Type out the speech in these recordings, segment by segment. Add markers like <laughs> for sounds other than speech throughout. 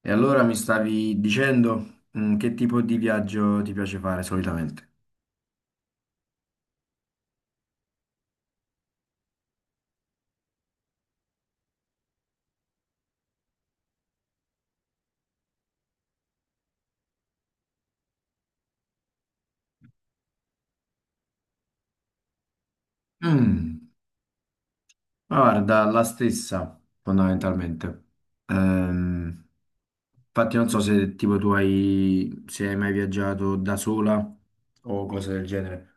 E allora mi stavi dicendo, che tipo di viaggio ti piace fare solitamente? Mm, ma guarda, la stessa, fondamentalmente. Ehm, Infatti non so se tipo tu hai, se hai mai viaggiato da sola o cose del genere.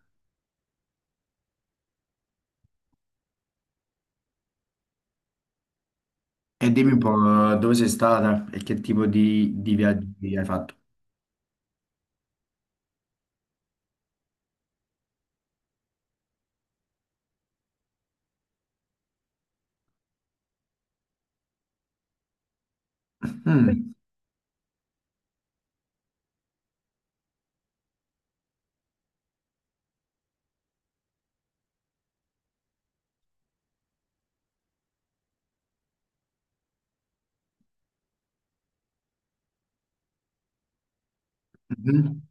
E dimmi un po' dove sei stata e che tipo di viaggi hai fatto. Mm, mhm.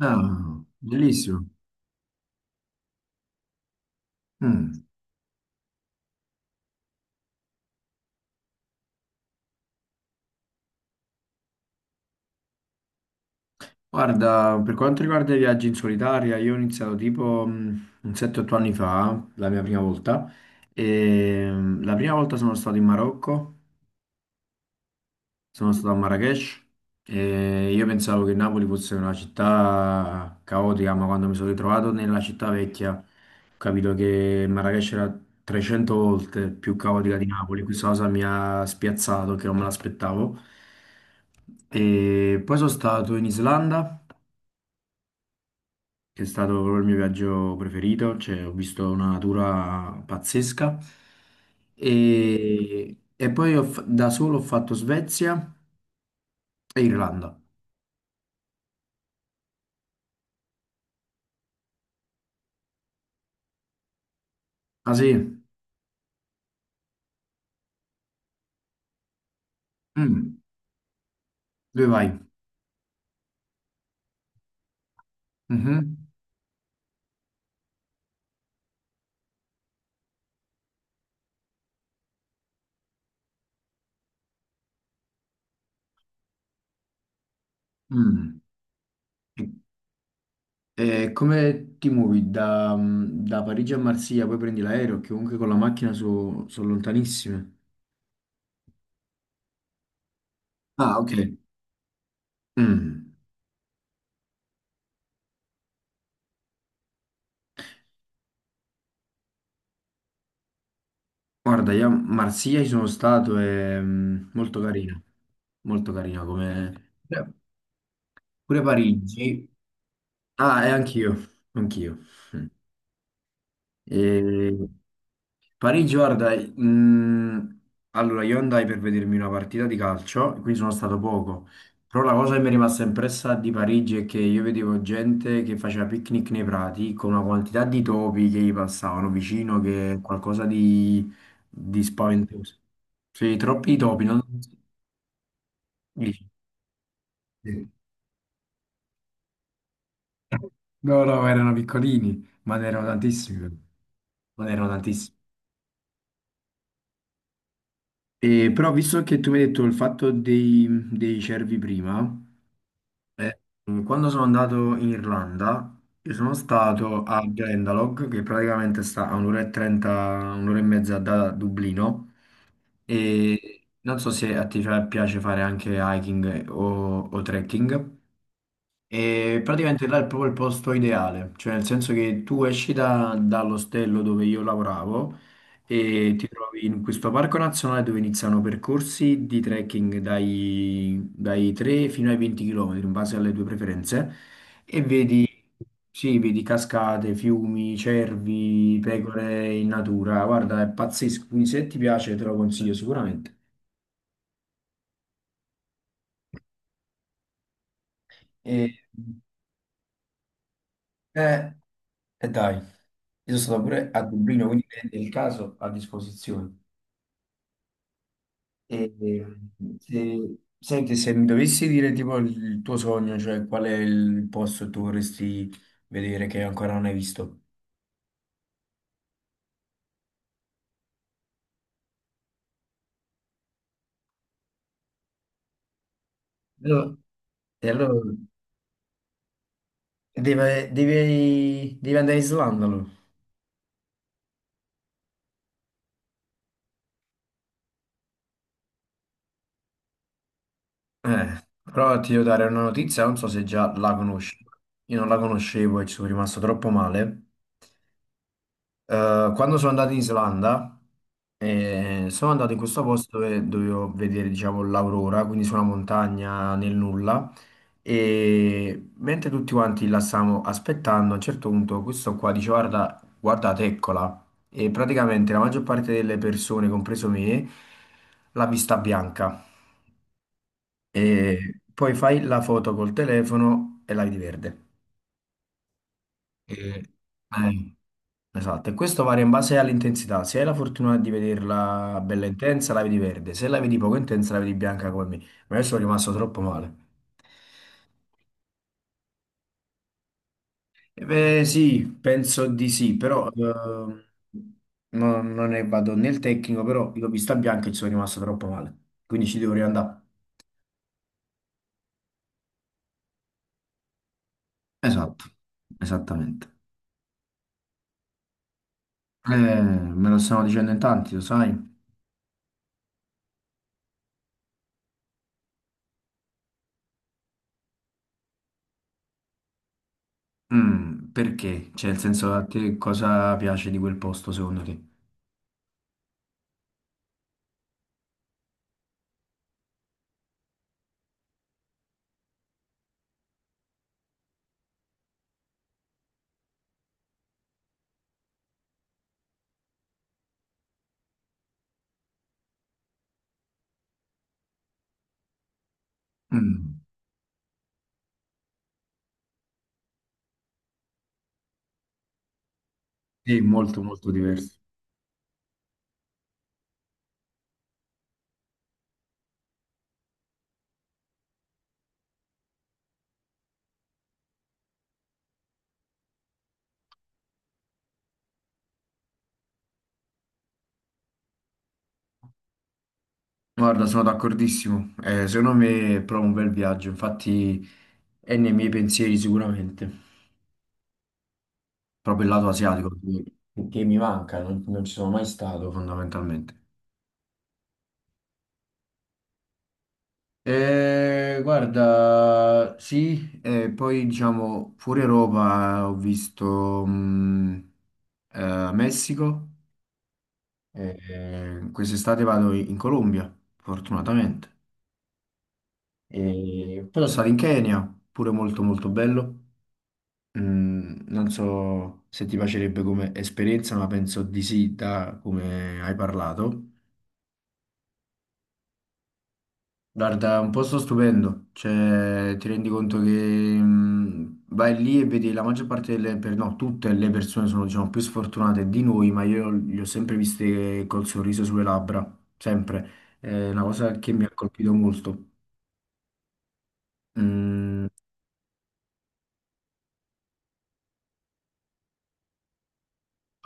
Ah, bellissimo. Mm. Guarda, per quanto riguarda i viaggi in solitaria, io ho iniziato tipo un 7-8 anni fa, la mia prima volta, e la prima volta sono stato in Marocco, sono stato a Marrakech e io pensavo che Napoli fosse una città caotica, ma quando mi sono ritrovato nella città vecchia ho capito che Marrakech era 300 volte più caotica di Napoli. Questa cosa mi ha spiazzato, che non me l'aspettavo. E poi sono stato in Islanda, che è stato proprio il mio viaggio preferito, cioè ho visto una natura pazzesca e poi da solo ho fatto Svezia e Irlanda. Ah sì? Mm. Dove vai? Mhm. Mm. E come ti muovi da Parigi a Marsiglia, poi prendi l'aereo, che comunque con la macchina sono lontanissime. Ah, ok. Mm. Guarda, io a Marsiglia ci sono stato, è molto carina come. Pure Parigi. Ah, e anch'io, anch'io. Mm. E Parigi, guarda, mm, allora io andai per vedermi una partita di calcio, quindi sono stato poco, però la cosa che mi è rimasta impressa di Parigi è che io vedevo gente che faceva picnic nei prati con una quantità di topi che gli passavano vicino, che è qualcosa di spaventoso. Sì, troppi topi, non. Sì. No, no, erano piccolini, ma ne erano tantissimi. Ma ne erano tantissimi. E, però, visto che tu mi hai detto il fatto dei cervi prima, eh, quando sono andato in Irlanda, io sono stato a Glendalough, che praticamente sta a un'ora e trenta, un'ora e mezza da Dublino. E non so se a te piace fare anche hiking o trekking. E praticamente là è proprio il posto ideale, cioè nel senso che tu esci dall'ostello dove io lavoravo e ti trovi in questo parco nazionale dove iniziano percorsi di trekking dai 3 fino ai 20 km in base alle tue preferenze e vedi, sì, vedi cascate, fiumi, cervi, pecore in natura, guarda, è pazzesco, quindi se ti piace te lo consiglio sicuramente. E, eh, e dai. Io sono stato pure a Dublino, quindi nel caso a disposizione. E, e, Senti, se mi dovessi dire tipo il tuo sogno, cioè qual è il posto che tu vorresti vedere che ancora non hai visto? Allora- E allora devi andare in Islanda, allora. Però ti devo dare una notizia, non so se già la conosci. Io non la conoscevo e ci sono rimasto troppo male. Quando sono andato in Islanda, sono andato in questo posto dove dovevo vedere, diciamo, l'aurora, quindi su una montagna nel nulla. E mentre tutti quanti la stavamo aspettando, a un certo punto questo qua dice: guarda, guardate, eccola. E praticamente la maggior parte delle persone, compreso me, l'ha vista bianca. E poi fai la foto col telefono e la vedi verde. E- eh, Esatto, e questo varia in base all'intensità. Se hai la fortuna di vederla bella intensa, la vedi verde. Se la vedi poco intensa, la vedi bianca come me. Ma io sono rimasto troppo male. Eh beh, sì, penso di sì, però non ne vado nel tecnico, però l'ho vista bianca e ci sono rimasto troppo male. Quindi ci devo riandare. Esatto, esattamente. Me lo stanno dicendo in tanti, lo sai? Perché? Cioè, nel senso, a te cosa piace di quel posto, secondo te? Mm. Sì, molto molto diverso. Guarda, sono d'accordissimo. Secondo me è proprio un bel viaggio, infatti è nei miei pensieri sicuramente, proprio il lato asiatico, che mi manca, non ci sono mai stato fondamentalmente. Guarda, sì, poi diciamo fuori Europa ho visto Messico, quest'estate vado in Colombia, fortunatamente. E poi sono stato in Kenya, pure molto molto bello. Non so se ti piacerebbe come esperienza, ma penso di sì, da come hai parlato. Guarda, è un posto stupendo, cioè ti rendi conto che vai lì e vedi la maggior parte delle, no, tutte le persone sono diciamo più sfortunate di noi, ma io li ho sempre viste col sorriso sulle labbra, sempre. È una cosa che mi ha colpito molto. Mm,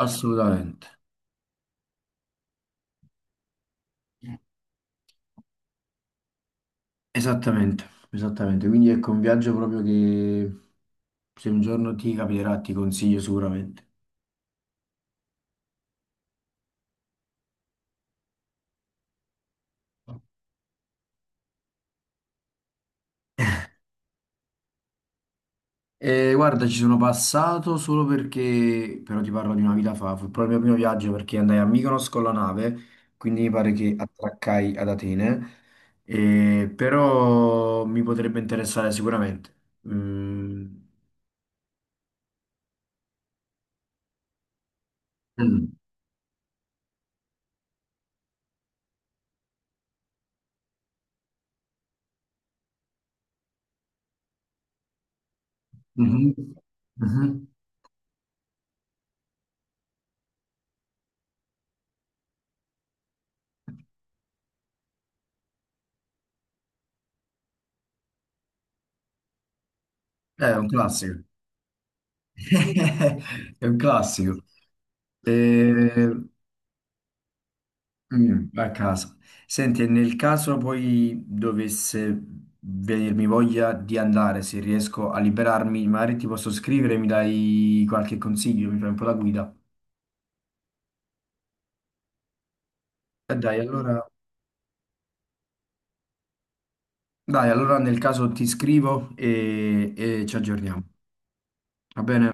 Assolutamente. Esattamente, esattamente. Quindi ecco un viaggio proprio che se un giorno ti capiterà, ti consiglio sicuramente. E guarda, ci sono passato solo perché, però ti parlo di una vita fa, fu proprio il mio primo viaggio perché andai a Mykonos con la nave, quindi mi pare che attraccai ad Atene, però mi potrebbe interessare sicuramente. Mm. Mm. Mhm. Mhm. È un classico. <laughs> È un classico. Eh, A casa. Senti, e nel caso poi dovesse venirmi voglia di andare, se riesco a liberarmi, magari ti posso scrivere, mi dai qualche consiglio, mi fai un po' la guida. E dai, allora nel caso ti scrivo e e ci aggiorniamo. Va bene?